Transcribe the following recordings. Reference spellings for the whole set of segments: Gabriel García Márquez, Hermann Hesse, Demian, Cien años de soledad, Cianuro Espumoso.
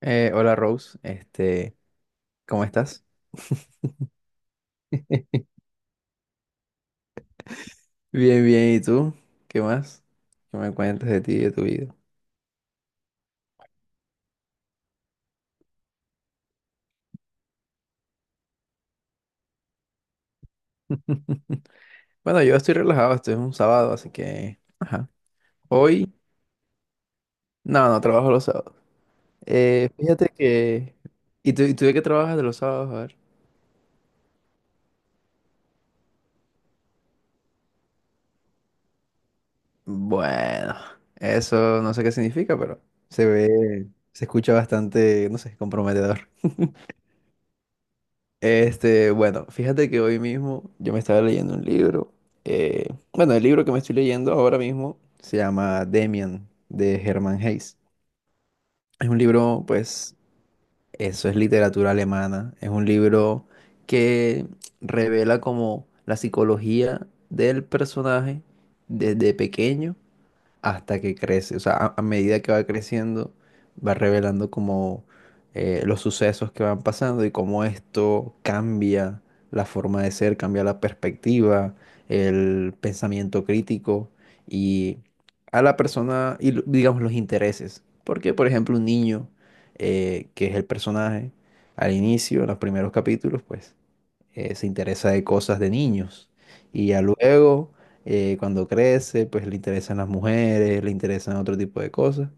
Hola Rose, ¿cómo estás? Bien, bien, ¿y tú? ¿Qué más? ¿Qué me cuentas de ti y de tu vida? Bueno, yo estoy relajado, esto es un sábado, así que. Ajá. Hoy. No, no trabajo los sábados. Fíjate que. ¿Y tú de qué trabajas de los sábados? A ver. Bueno, eso no sé qué significa, pero se ve, se escucha bastante, no sé, comprometedor. Bueno, fíjate que hoy mismo yo me estaba leyendo un libro. Bueno, el libro que me estoy leyendo ahora mismo se llama Demian, de Hermann Hesse. Es un libro, pues, eso es literatura alemana. Es un libro que revela como la psicología del personaje desde pequeño hasta que crece. O sea, a medida que va creciendo, va revelando como los sucesos que van pasando y cómo esto cambia la forma de ser, cambia la perspectiva, el pensamiento crítico y a la persona y digamos los intereses. Porque, por ejemplo, un niño que es el personaje al inicio, en los primeros capítulos, pues se interesa de cosas de niños. Y ya luego, cuando crece, pues le interesan las mujeres, le interesan otro tipo de cosas.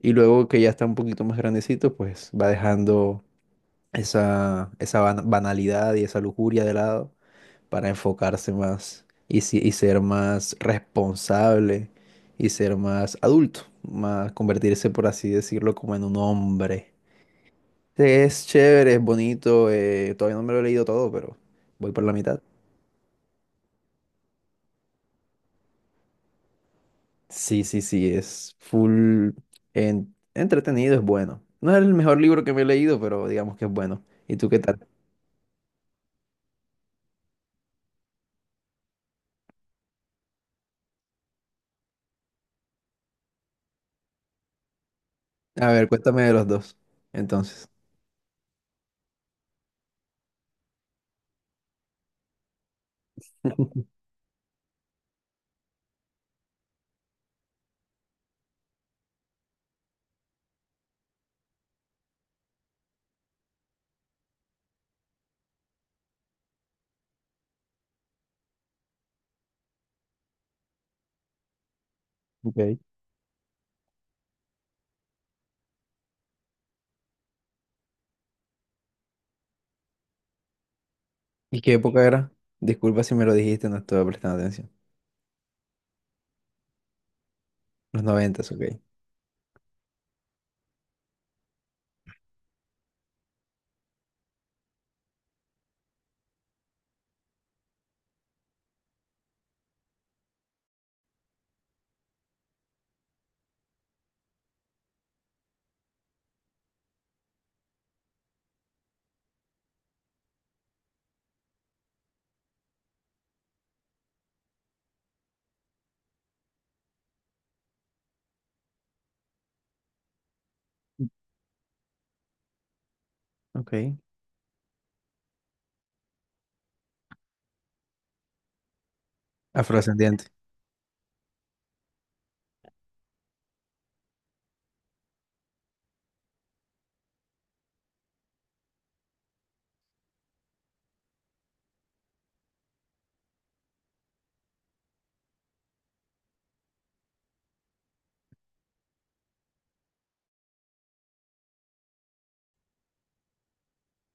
Y luego que ya está un poquito más grandecito, pues va dejando esa banalidad y esa lujuria de lado para enfocarse más y, si- y ser más responsable y ser más adulto, más convertirse, por así decirlo, como en un hombre. Sí, es chévere, es bonito, todavía no me lo he leído todo, pero voy por la mitad. Sí, sí, sí, es full entretenido, es bueno. No es el mejor libro que me he leído, pero digamos que es bueno. ¿Y tú qué tal? A ver, cuéntame de los dos, entonces. Ok. ¿Y qué época era? Disculpa si me lo dijiste, no estuve prestando atención. Los noventas, ok. Ok. Afrodescendiente.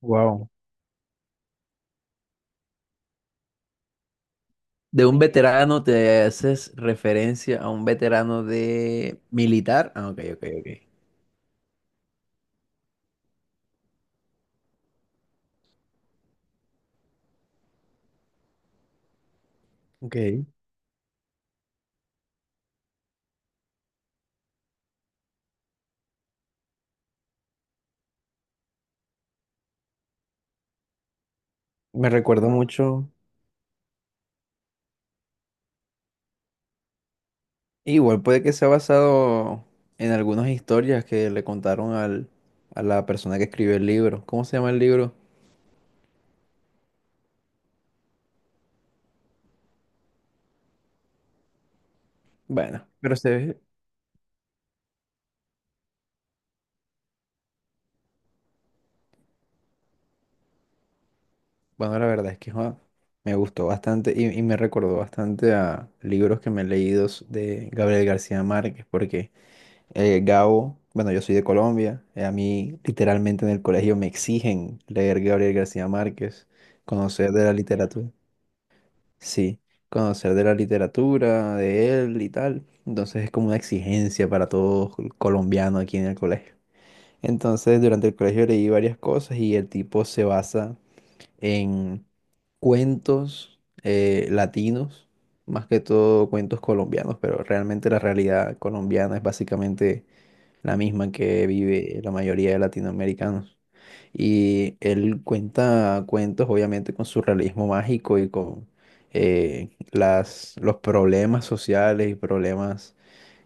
Wow. De un veterano te haces referencia a un veterano de militar. Ah, ok, ok, ok. Ok. Me recuerdo mucho. Igual puede que sea basado en algunas historias que le contaron a la persona que escribió el libro. ¿Cómo se llama el libro? Bueno, pero se ve- Bueno, la verdad es que joa, me gustó bastante y me recordó bastante a libros que me he leído de Gabriel García Márquez, porque Gabo, bueno, yo soy de Colombia, a mí literalmente en el colegio me exigen leer Gabriel García Márquez, conocer de la literatura. Sí, conocer de la literatura, de él y tal. Entonces es como una exigencia para todo colombiano aquí en el colegio. Entonces durante el colegio leí varias cosas y el tipo se basa en cuentos latinos, más que todo cuentos colombianos, pero realmente la realidad colombiana es básicamente la misma que vive la mayoría de latinoamericanos. Y él cuenta cuentos, obviamente, con su realismo mágico y con los problemas sociales y problemas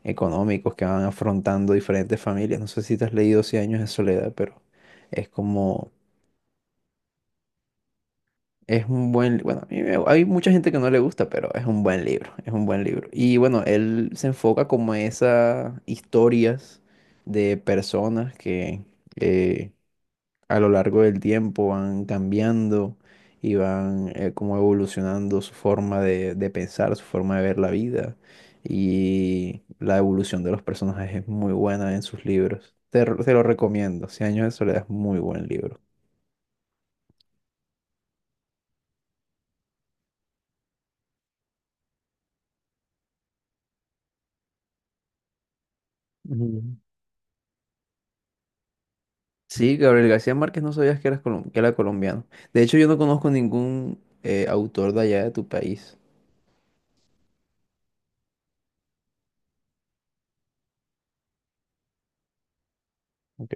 económicos que van afrontando diferentes familias. No sé si te has leído Cien años de soledad, pero es como, es un buen, bueno, a mí me- hay mucha gente que no le gusta, pero es un buen libro, es un buen libro. Y bueno, él se enfoca como a esas historias de personas que... eh, a lo largo del tiempo van cambiando y van como evolucionando su forma de pensar, su forma de ver la vida. Y la evolución de los personajes es muy buena en sus libros. Te lo recomiendo. Cien años de soledad es muy buen libro. Mm. Sí, Gabriel García Márquez, no sabías que era colombiano. De hecho, yo no conozco ningún autor de allá de tu país. Ok.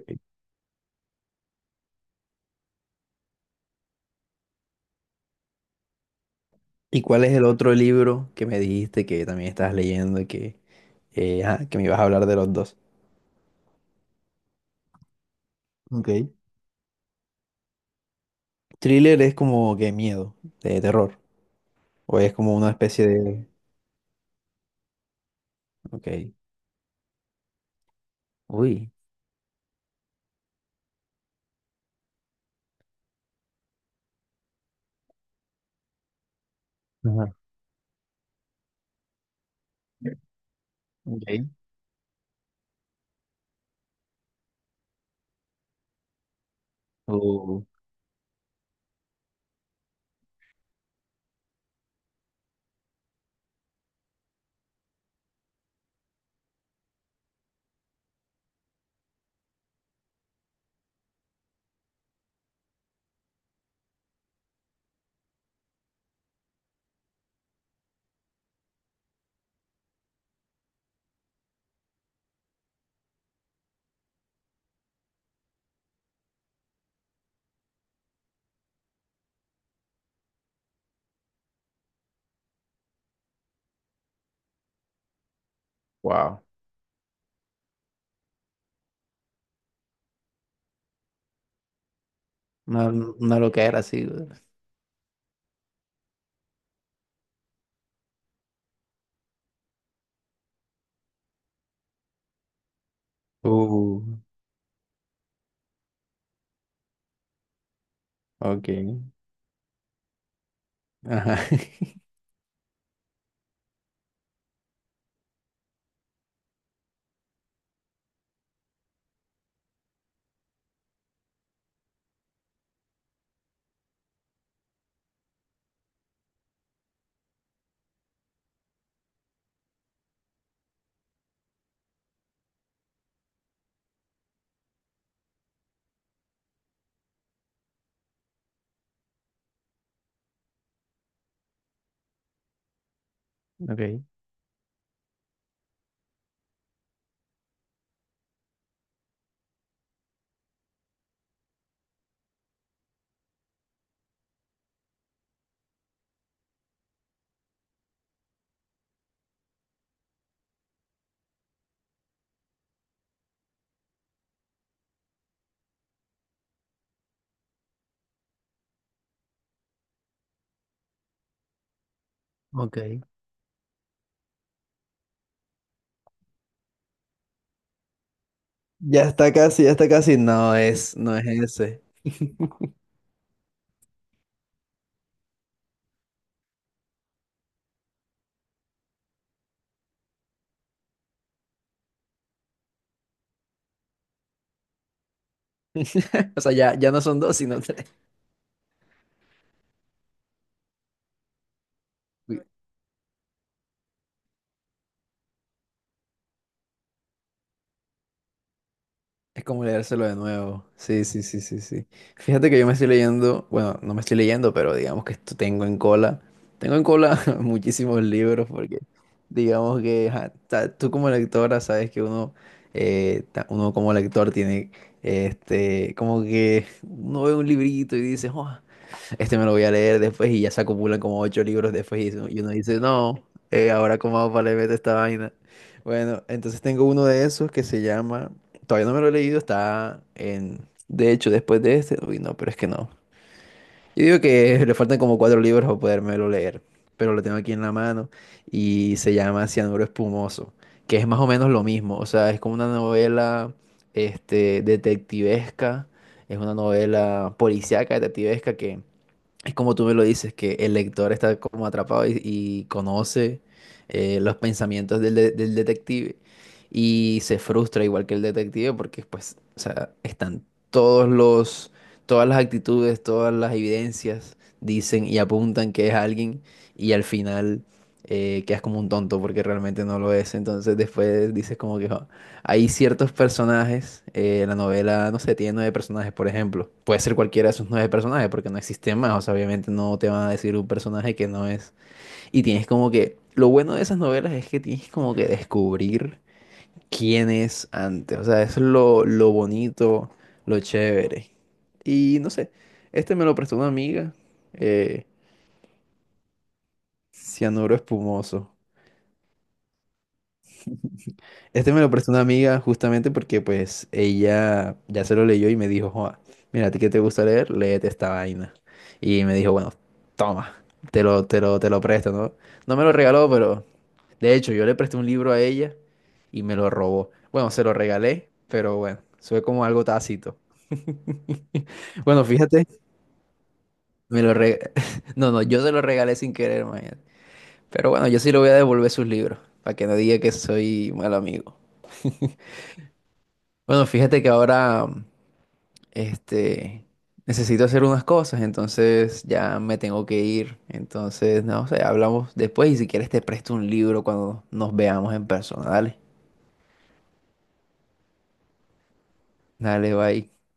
¿Y cuál es el otro libro que me dijiste que también estás leyendo y que me ibas a hablar de los dos? Ok. Thriller es como que miedo, de terror. O es como una especie de. Ok. Uy. Ajá. Ok. Uh, wow. Una loquera así. Güey. Uh, ok. Ajá. Ok. Ok. Ya está casi, ya está casi. No es, no es ese. O sea, ya, ya no son dos, sino tres. Es como leérselo de nuevo. Sí, sí, sí, sí, sí. Fíjate que yo me estoy leyendo, bueno, no me estoy leyendo, pero digamos que esto tengo en cola. Tengo en cola muchísimos libros porque digamos que ajá, tú como lectora sabes que uno, uno como lector tiene, como que uno ve un librito y dice, "Oh, este me lo voy a leer después y ya se acumulan como ocho libros después y y uno dice, no, ahora cómo hago para leer esta vaina. Bueno, entonces tengo uno de esos que se llama, todavía no me lo he leído, está en, de hecho, después de este, uy, no, pero es que no. Yo digo que le faltan como cuatro libros para podérmelo leer, pero lo tengo aquí en la mano y se llama Cianuro Espumoso, que es más o menos lo mismo, o sea, es como una novela, detectivesca, es una novela policíaca, detectivesca que es como tú me lo dices, que el lector está como atrapado y conoce los pensamientos del detective y se frustra igual que el detective porque pues, o sea, están todos los, todas las actitudes, todas las evidencias dicen y apuntan que es alguien y al final quedas como un tonto porque realmente no lo es. Entonces después dices como que, "Jo, hay ciertos personajes, la novela, no sé, tiene nueve personajes, por ejemplo. Puede ser cualquiera de esos nueve personajes, porque no existen más. O sea, obviamente no te van a decir un personaje que no es. Y tienes como que. Lo bueno de esas novelas es que tienes como que descubrir quién es antes. O sea, eso es lo bonito, lo chévere. Y no sé, este me lo prestó una amiga, eh, Cianuro Espumoso. Este me lo prestó una amiga justamente porque pues ella ya se lo leyó y me dijo, Joa, mira, a ti que te gusta leer, léete esta vaina. Y me dijo, bueno, toma, te lo presto, ¿no? No me lo regaló, pero de hecho yo le presté un libro a ella y me lo robó. Bueno, se lo regalé, pero bueno, eso fue como algo tácito. Bueno, fíjate, me lo re- No, no, yo se lo regalé sin querer, imagínate. Pero bueno, yo sí le voy a devolver sus libros, para que no diga que soy mal amigo. Bueno, fíjate que ahora... este, necesito hacer unas cosas, entonces ya me tengo que ir. Entonces, no sé, hablamos después y si quieres te presto un libro cuando nos veamos en persona. Dale, dale, bye.